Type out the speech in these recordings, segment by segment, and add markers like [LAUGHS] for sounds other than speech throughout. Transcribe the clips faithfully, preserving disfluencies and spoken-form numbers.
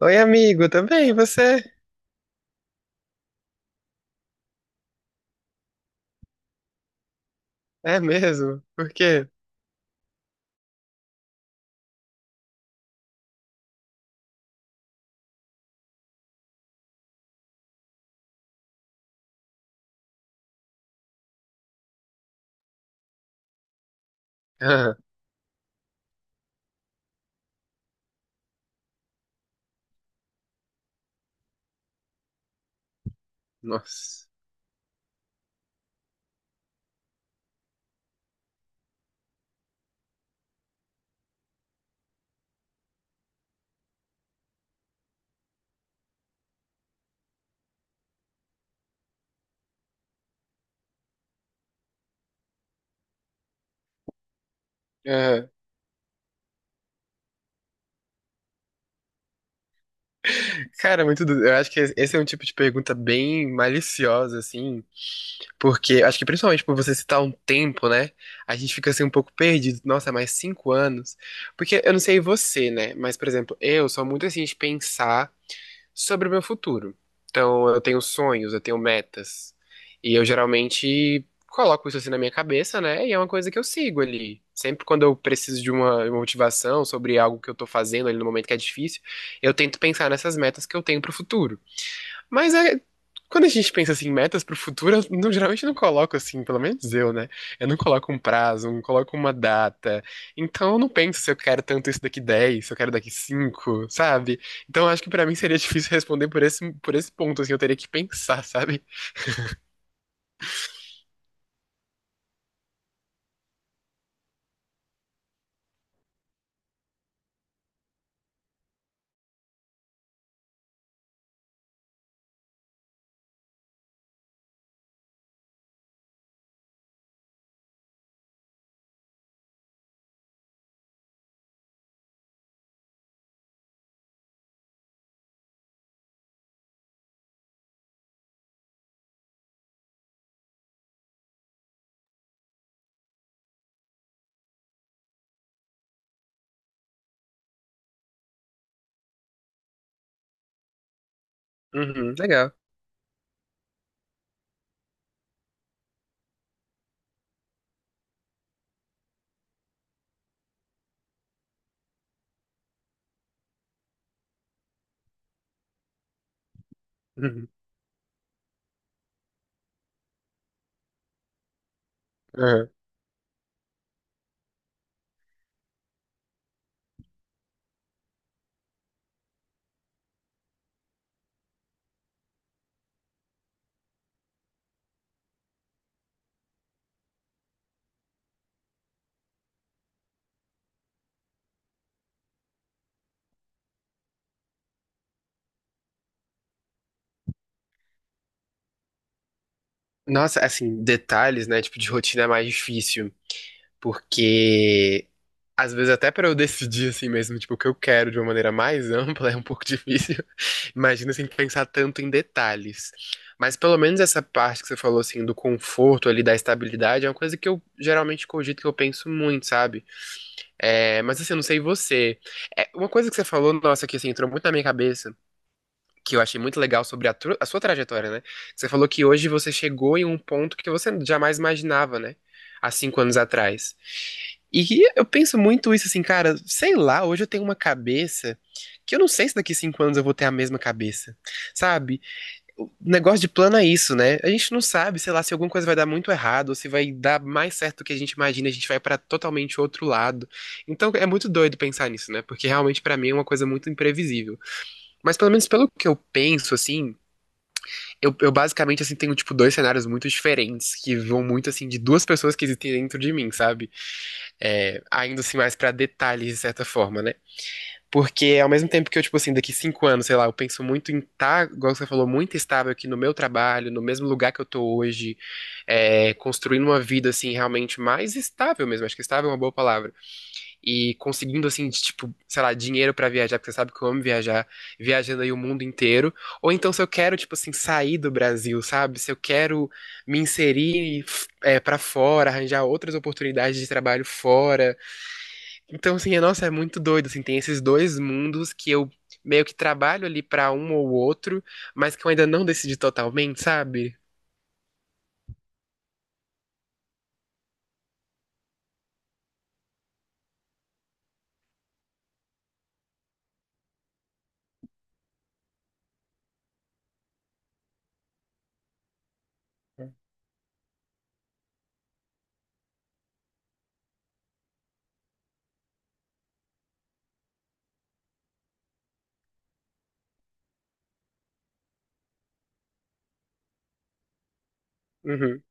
Oi, amigo, tá bem? E você? É mesmo? Por quê? Ah, nossa. Ah, cara, é muito. du- Eu acho que esse é um tipo de pergunta bem maliciosa, assim, porque acho que principalmente por você citar um tempo, né? A gente fica assim um pouco perdido. Nossa, mais cinco anos. Porque eu não sei você, né? Mas, por exemplo, eu sou muito assim de pensar sobre o meu futuro. Então, eu tenho sonhos, eu tenho metas. E eu geralmente coloco isso assim na minha cabeça, né? E é uma coisa que eu sigo ali. Sempre quando eu preciso de uma uma motivação sobre algo que eu tô fazendo ali no momento que é difícil, eu tento pensar nessas metas que eu tenho pro futuro. Mas é, quando a gente pensa assim, em metas pro futuro, eu não- geralmente não coloco assim, pelo menos eu, né? Eu não coloco um prazo, não coloco uma data. Então eu não penso se eu quero tanto isso daqui dez, se eu quero daqui cinco, sabe? Então eu acho que pra mim seria difícil responder por esse, por esse ponto, assim, eu teria que pensar, sabe? Uhum, legal. Uhum. Aham. Nossa, assim, detalhes, né? Tipo, de rotina é mais difícil. Porque às vezes até pra eu decidir assim mesmo, tipo, o que eu quero de uma maneira mais [LAUGHS] ampla é um pouco [LAUGHS] difícil. Imagina sem pensar tanto em detalhes. Mas pelo menos essa parte que você falou assim do conforto ali, da estabilidade, é uma coisa que eu geralmente cogito, que eu penso muito, sabe? É, mas assim, eu não sei você. É, uma coisa que você falou, nossa, que assim, entrou muito na minha cabeça, que eu achei muito legal sobre a, tru- a sua trajetória, né? Você falou que hoje você chegou em um ponto que você jamais imaginava, né? Há cinco anos atrás. E eu penso muito isso assim, cara, sei lá, hoje eu tenho uma cabeça que eu não sei se daqui cinco anos eu vou ter a mesma cabeça, sabe? O negócio de plano é isso, né? A gente não sabe, sei lá, se alguma coisa vai dar muito errado, ou se vai dar mais certo do que a gente imagina, a gente vai pra totalmente outro lado. Então é muito doido pensar nisso, né? Porque realmente pra mim é uma coisa muito imprevisível. Mas pelo menos pelo que eu penso, assim, eu, eu basicamente assim tenho tipo dois cenários muito diferentes que vão muito assim de duas pessoas que existem dentro de mim, sabe? É, ainda assim mais pra detalhes, de certa forma, né? Porque ao mesmo tempo que eu, tipo assim, daqui cinco anos, sei lá, eu penso muito em estar, igual você falou, muito estável aqui no meu trabalho, no mesmo lugar que eu tô hoje, é, construindo uma vida, assim, realmente mais estável mesmo, acho que estável é uma boa palavra. E conseguindo, assim, de, tipo, sei lá, dinheiro pra viajar, porque você sabe que eu amo viajar, viajando aí o mundo inteiro. Ou então se eu quero, tipo assim, sair do Brasil, sabe? Se eu quero me inserir, é, para fora, arranjar outras oportunidades de trabalho fora. Então, assim, é- nossa, é muito doido, assim, tem esses dois mundos que eu meio que trabalho ali pra um ou outro, mas que eu ainda não decidi totalmente, sabe? Uhum,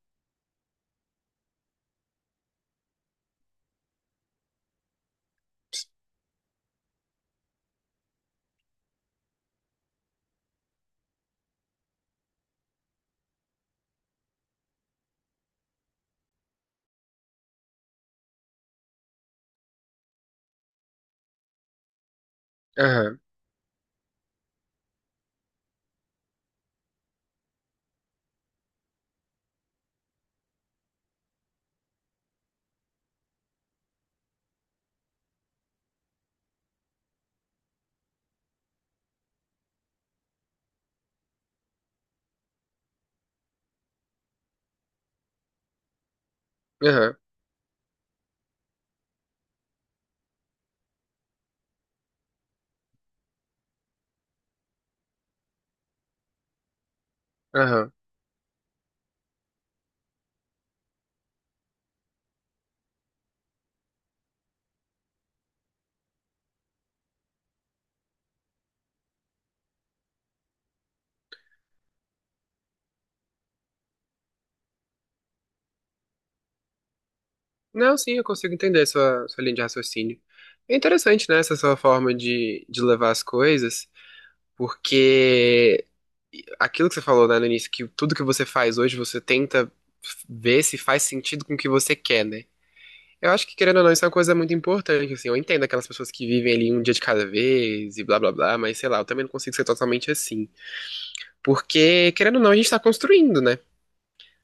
aham, aham, aham. Não, sim, eu consigo entender sua, sua linha de raciocínio. É interessante, né, essa sua forma de, de levar as coisas, porque aquilo que você falou, né, no início, que tudo que você faz hoje, você tenta ver se faz sentido com o que você quer, né? Eu acho que, querendo ou não, isso é uma coisa muito importante, assim, eu entendo aquelas pessoas que vivem ali um dia de cada vez e blá blá blá, mas sei lá, eu também não consigo ser totalmente assim. Porque, querendo ou não, a gente tá construindo, né?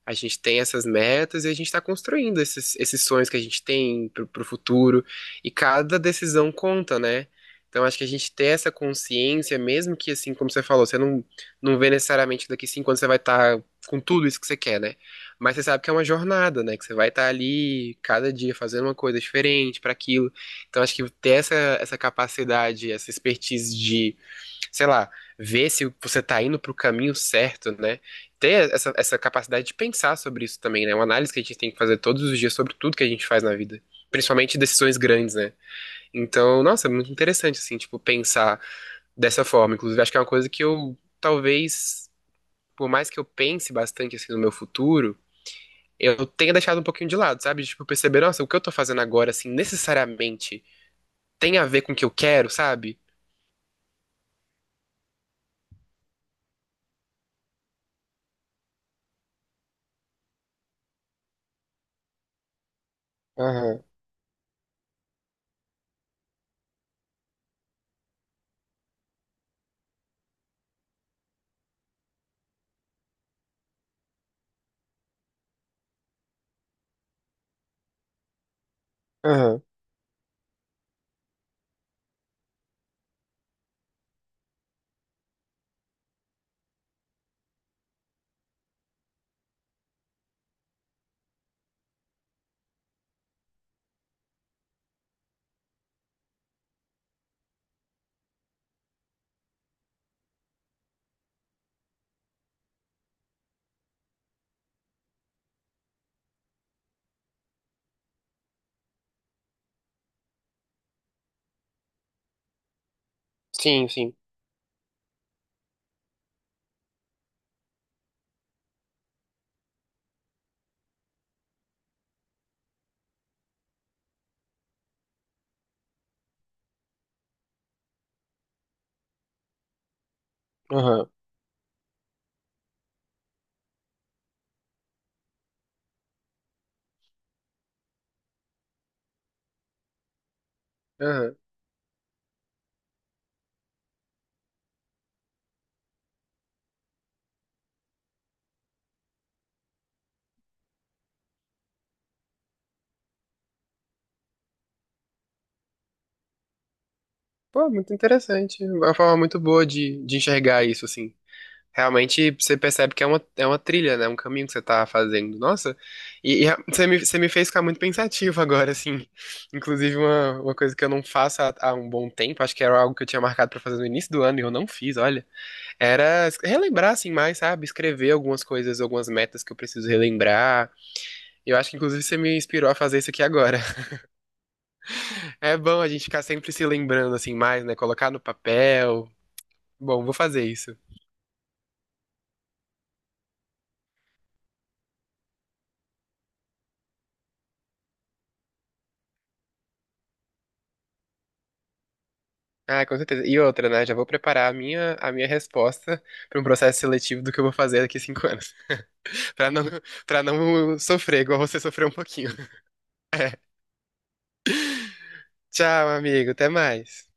A gente tem essas metas e a gente está construindo esses, esses sonhos que a gente tem para o futuro. E cada decisão conta, né? Então acho que a gente ter essa consciência, mesmo que assim, como você falou, você não, não vê necessariamente que daqui cinco anos você vai estar com tudo isso que você quer, né? Mas você sabe que é uma jornada, né? Que você vai estar ali cada dia fazendo uma coisa diferente para aquilo. Então acho que ter essa, essa capacidade, essa expertise de, sei lá, ver se você tá indo pro caminho certo, né? Ter essa, essa capacidade de pensar sobre isso também, né? Uma análise que a gente tem que fazer todos os dias sobre tudo que a gente faz na vida. Principalmente decisões grandes, né? Então, nossa, é muito interessante, assim, tipo, pensar dessa forma. Inclusive, acho que é uma coisa que eu, talvez, por mais que eu pense bastante, assim, no meu futuro, eu tenha deixado um pouquinho de lado, sabe? Tipo, perceber, nossa, o que eu tô fazendo agora, assim, necessariamente tem a ver com o que eu quero, sabe? Aham, aham. Sim, sim. Aham. Aham. Pô, muito interessante. É uma forma muito boa de, de enxergar isso, assim. Realmente você percebe que é uma, é uma trilha, né? Um caminho que você tá fazendo. Nossa, e, e a- você me, você me, fez ficar muito pensativo agora, assim. [LAUGHS] Inclusive, uma, uma coisa que eu não faço há, há um bom tempo, acho que era algo que eu tinha marcado pra fazer no início do ano e eu não fiz, olha. Era es- relembrar, assim, mais, sabe? Escrever algumas coisas, algumas metas que eu preciso relembrar. Eu acho que, inclusive, você me inspirou a fazer isso aqui agora. [LAUGHS] É bom a gente ficar sempre se lembrando, assim, mais, né? Colocar no papel. Bom, vou fazer isso. Ah, com certeza. E outra, né? Já vou preparar a minha, a minha, resposta para um processo seletivo do que eu vou fazer daqui a cinco anos. [LAUGHS] Pra não, Para não sofrer igual você sofreu um pouquinho. [LAUGHS] Tchau, amigo. Até mais.